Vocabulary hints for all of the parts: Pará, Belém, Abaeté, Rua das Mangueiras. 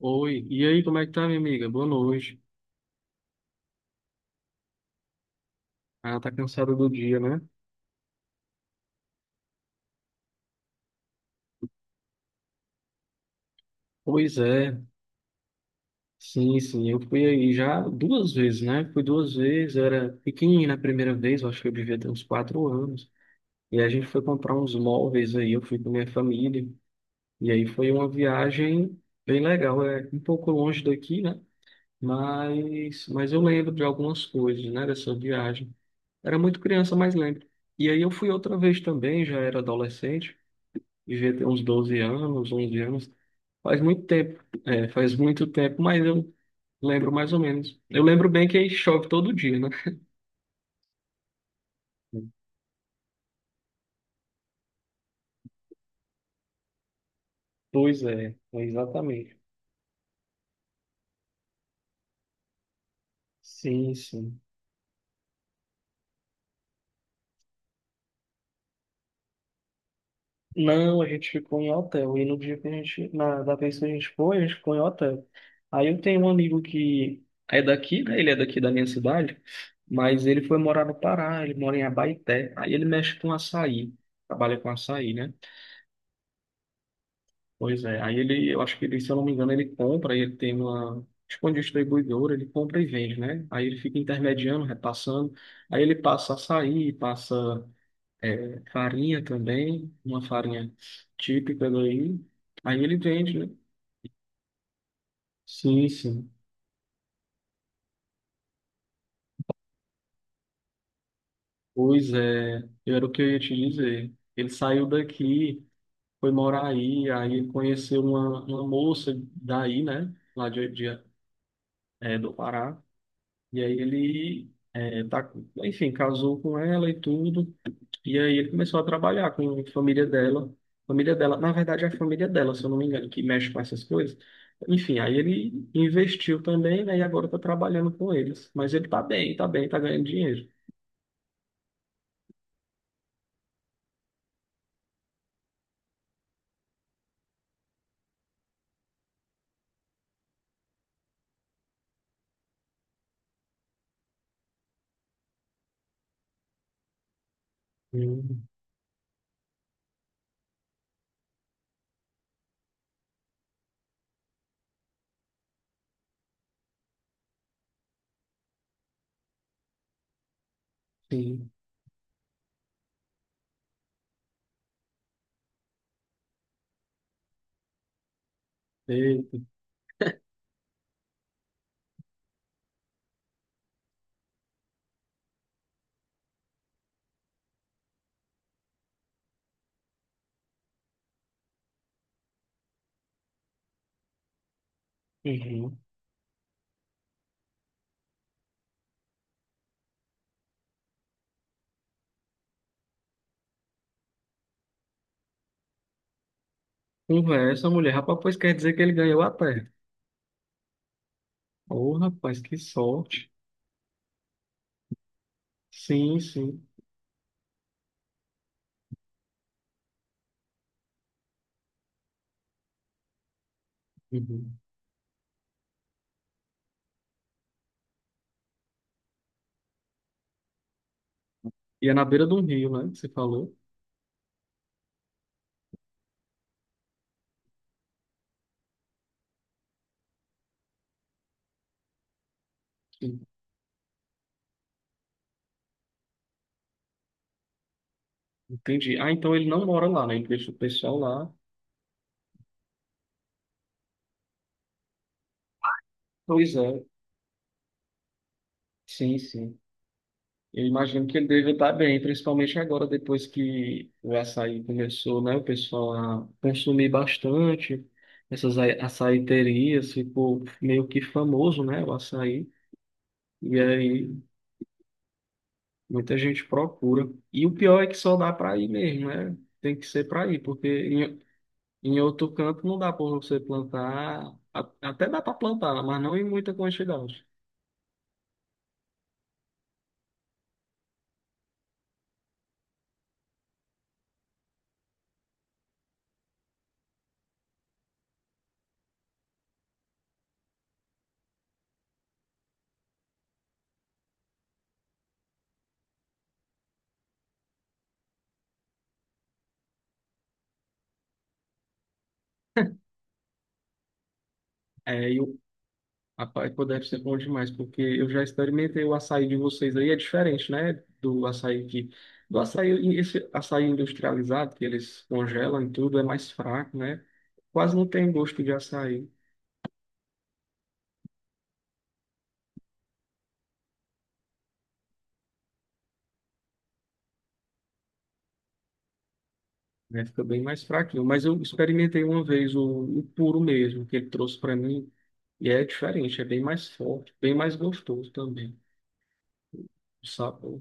Oi, e aí, como é que tá, minha amiga? Boa noite. Ah, tá cansada do dia, né? Pois é, sim, sim, eu fui aí já duas vezes, né? Fui duas vezes, eu era pequenininho na primeira vez, eu acho que eu devia ter uns 4 anos. E a gente foi comprar uns móveis aí, eu fui com minha família. E aí foi uma viagem bem legal, é um pouco longe daqui, né? Mas eu lembro de algumas coisas, né, dessa viagem. Era muito criança, mas lembro. E aí eu fui outra vez também, já era adolescente. Devia ter uns 12 anos, 11 anos. Faz muito tempo, é, faz muito tempo, mas eu lembro mais ou menos. Eu lembro bem que chove todo dia, né? Pois é, é exatamente. Sim, sim. Não, a gente ficou em hotel. E no dia que a gente, na, da vez que a gente foi, a gente ficou em hotel. Aí eu tenho um amigo que é daqui, né? Ele é daqui da minha cidade, mas ele foi morar no Pará, ele mora em Abaeté. Aí ele mexe com açaí, trabalha com açaí, né? Pois é, aí ele, eu acho que ele, se eu não me engano, ele compra, ele tem uma, tipo uma distribuidora, ele compra e vende, né? Aí ele fica intermediando, repassando, aí ele passa açaí, passa é, farinha também, uma farinha típica daí, aí ele vende, né? Sim, sim. Pois é, era o que eu ia te dizer. Ele saiu daqui, foi morar aí, aí ele conheceu uma moça daí, né? Lá de, é, do Pará. E aí ele, é, tá, enfim, casou com ela e tudo. E aí ele começou a trabalhar com a família dela. Família dela, na verdade, é a família dela, se eu não me engano, que mexe com essas coisas. Enfim, aí ele investiu também, né? E agora tá trabalhando com eles. Mas ele tá bem, tá bem, tá ganhando dinheiro. Hum, sim. Eita. Uhum. Conversa, mulher. Rapaz, pois quer dizer que ele ganhou a terra. Ô, rapaz, que sorte. Sim, sim. Uhum. E é na beira de um rio, né? Que Você falou. Entendi. Ah, então ele não mora lá, né? Ele deixa o pessoal lá. Pois é, sim, sim. Eu imagino que ele deve estar bem, principalmente agora, depois que o açaí começou, né? O pessoal a consumir bastante essas ai- açaiterias, ficou meio que famoso, né? O açaí. E aí muita gente procura. E o pior é que só dá para ir mesmo, né? Tem que ser para ir, porque em, em outro canto não dá para você plantar. A- Até dá para plantar, mas não em muita quantidade. É, rapaz, pô, deve ser bom demais, porque eu já experimentei o açaí de vocês aí, é diferente, né? Do açaí que. Do açaí, esse açaí industrializado, que eles congelam e tudo, é mais fraco, né? Quase não tem gosto de açaí, né? Fica bem mais fraquinho. Mas eu experimentei uma vez o puro mesmo, que ele trouxe para mim, e é diferente, é bem mais forte, bem mais gostoso também, o sabor.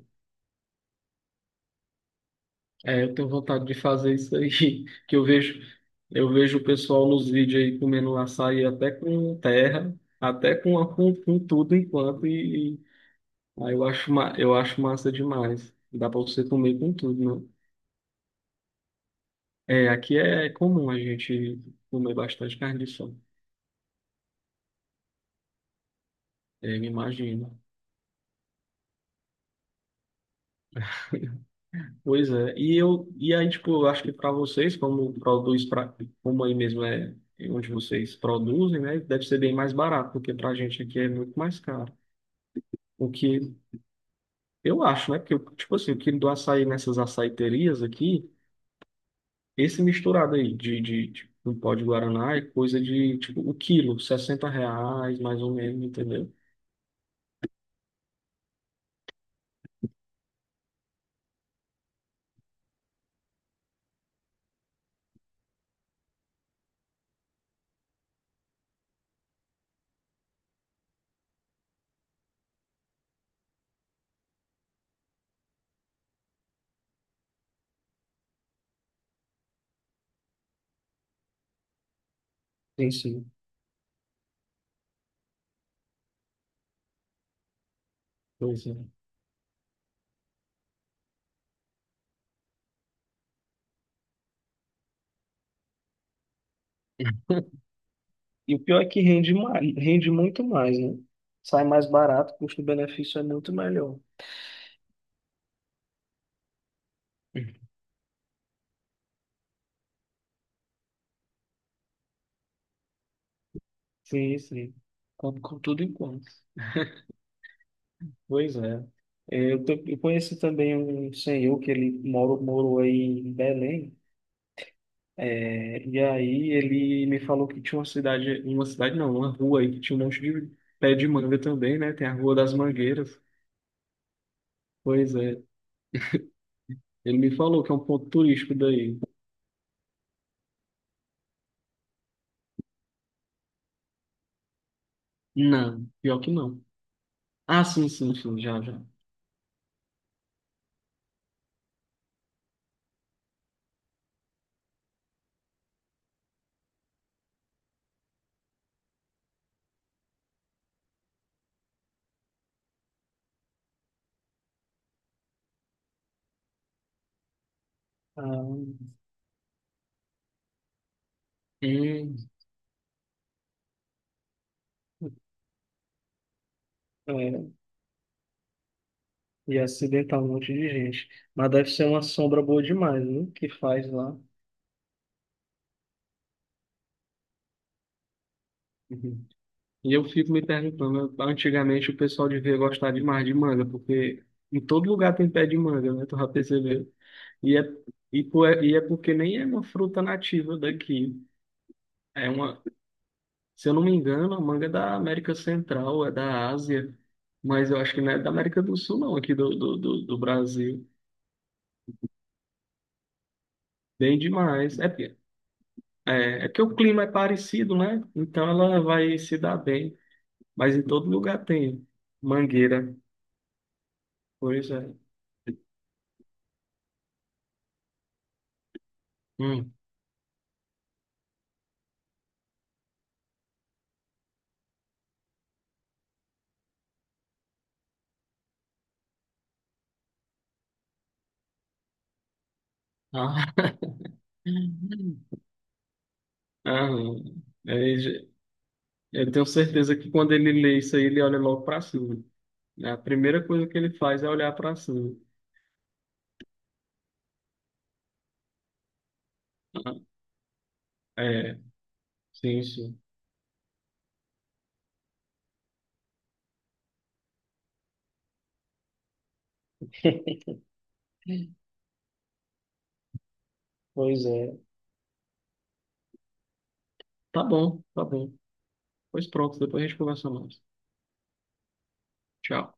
É, eu tenho vontade de fazer isso aí, que eu vejo o pessoal nos vídeos aí comendo um açaí até com terra, até com, a- com, com tudo enquanto, e aí eu acho, ma- eu acho massa demais. Dá pra você comer com tudo, né? É, aqui é comum a gente comer bastante carne de sol, é, me imagino. Pois é, e eu, e aí, tipo, eu acho que para vocês, como produz pra, como aí mesmo é onde vocês produzem, né, deve ser bem mais barato, porque pra gente aqui é muito mais caro. O que eu acho, né? Que, tipo assim, o quilo do açaí nessas açaiterias aqui, esse misturado aí de um pó de Guaraná é coisa de, tipo, o quilo, R$ 60, mais ou menos, entendeu? Sim, sim. Pois é. E o pior é que rende mais, rende muito mais, né? Sai mais barato, custo-benefício é muito melhor. Sim, sim. Com tudo em conta. Pois é. É, eu, te- eu conheci também um senhor que ele morou, morou aí em Belém. É, e aí ele me falou que tinha uma cidade não, uma rua aí que tinha um monte de pé de manga também, né? Tem a Rua das Mangueiras. Pois é, ele me falou que é um ponto turístico daí. Não, pior que não. Ah, sim, sim, sim, já, já. Ah, é, é, e acidentar um monte de gente. Mas deve ser uma sombra boa demais, né? Que faz lá. E eu fico me perguntando, antigamente o pessoal devia gostar demais de manga, porque em todo lugar tem pé de manga, né? Tu já percebeu? E é, e, po- e é porque nem é uma fruta nativa daqui. É uma, se eu não me engano, a manga é da América Central, é da Ásia, mas eu acho que não é da América do Sul, não, aqui do Brasil. Bem demais. É, porque- é, é que o clima é parecido, né? Então ela vai se dar bem. Mas em todo lugar tem mangueira. Pois é. Hum. Ah. Uhum. Ah, aí j- eu tenho certeza que quando ele lê isso aí, ele olha logo para cima. Né? A primeira coisa que ele faz é olhar para cima. Ah, é, sim, sim. Pois é. Tá bom, tá bom. Pois pronto, depois a gente conversa mais. Tchau.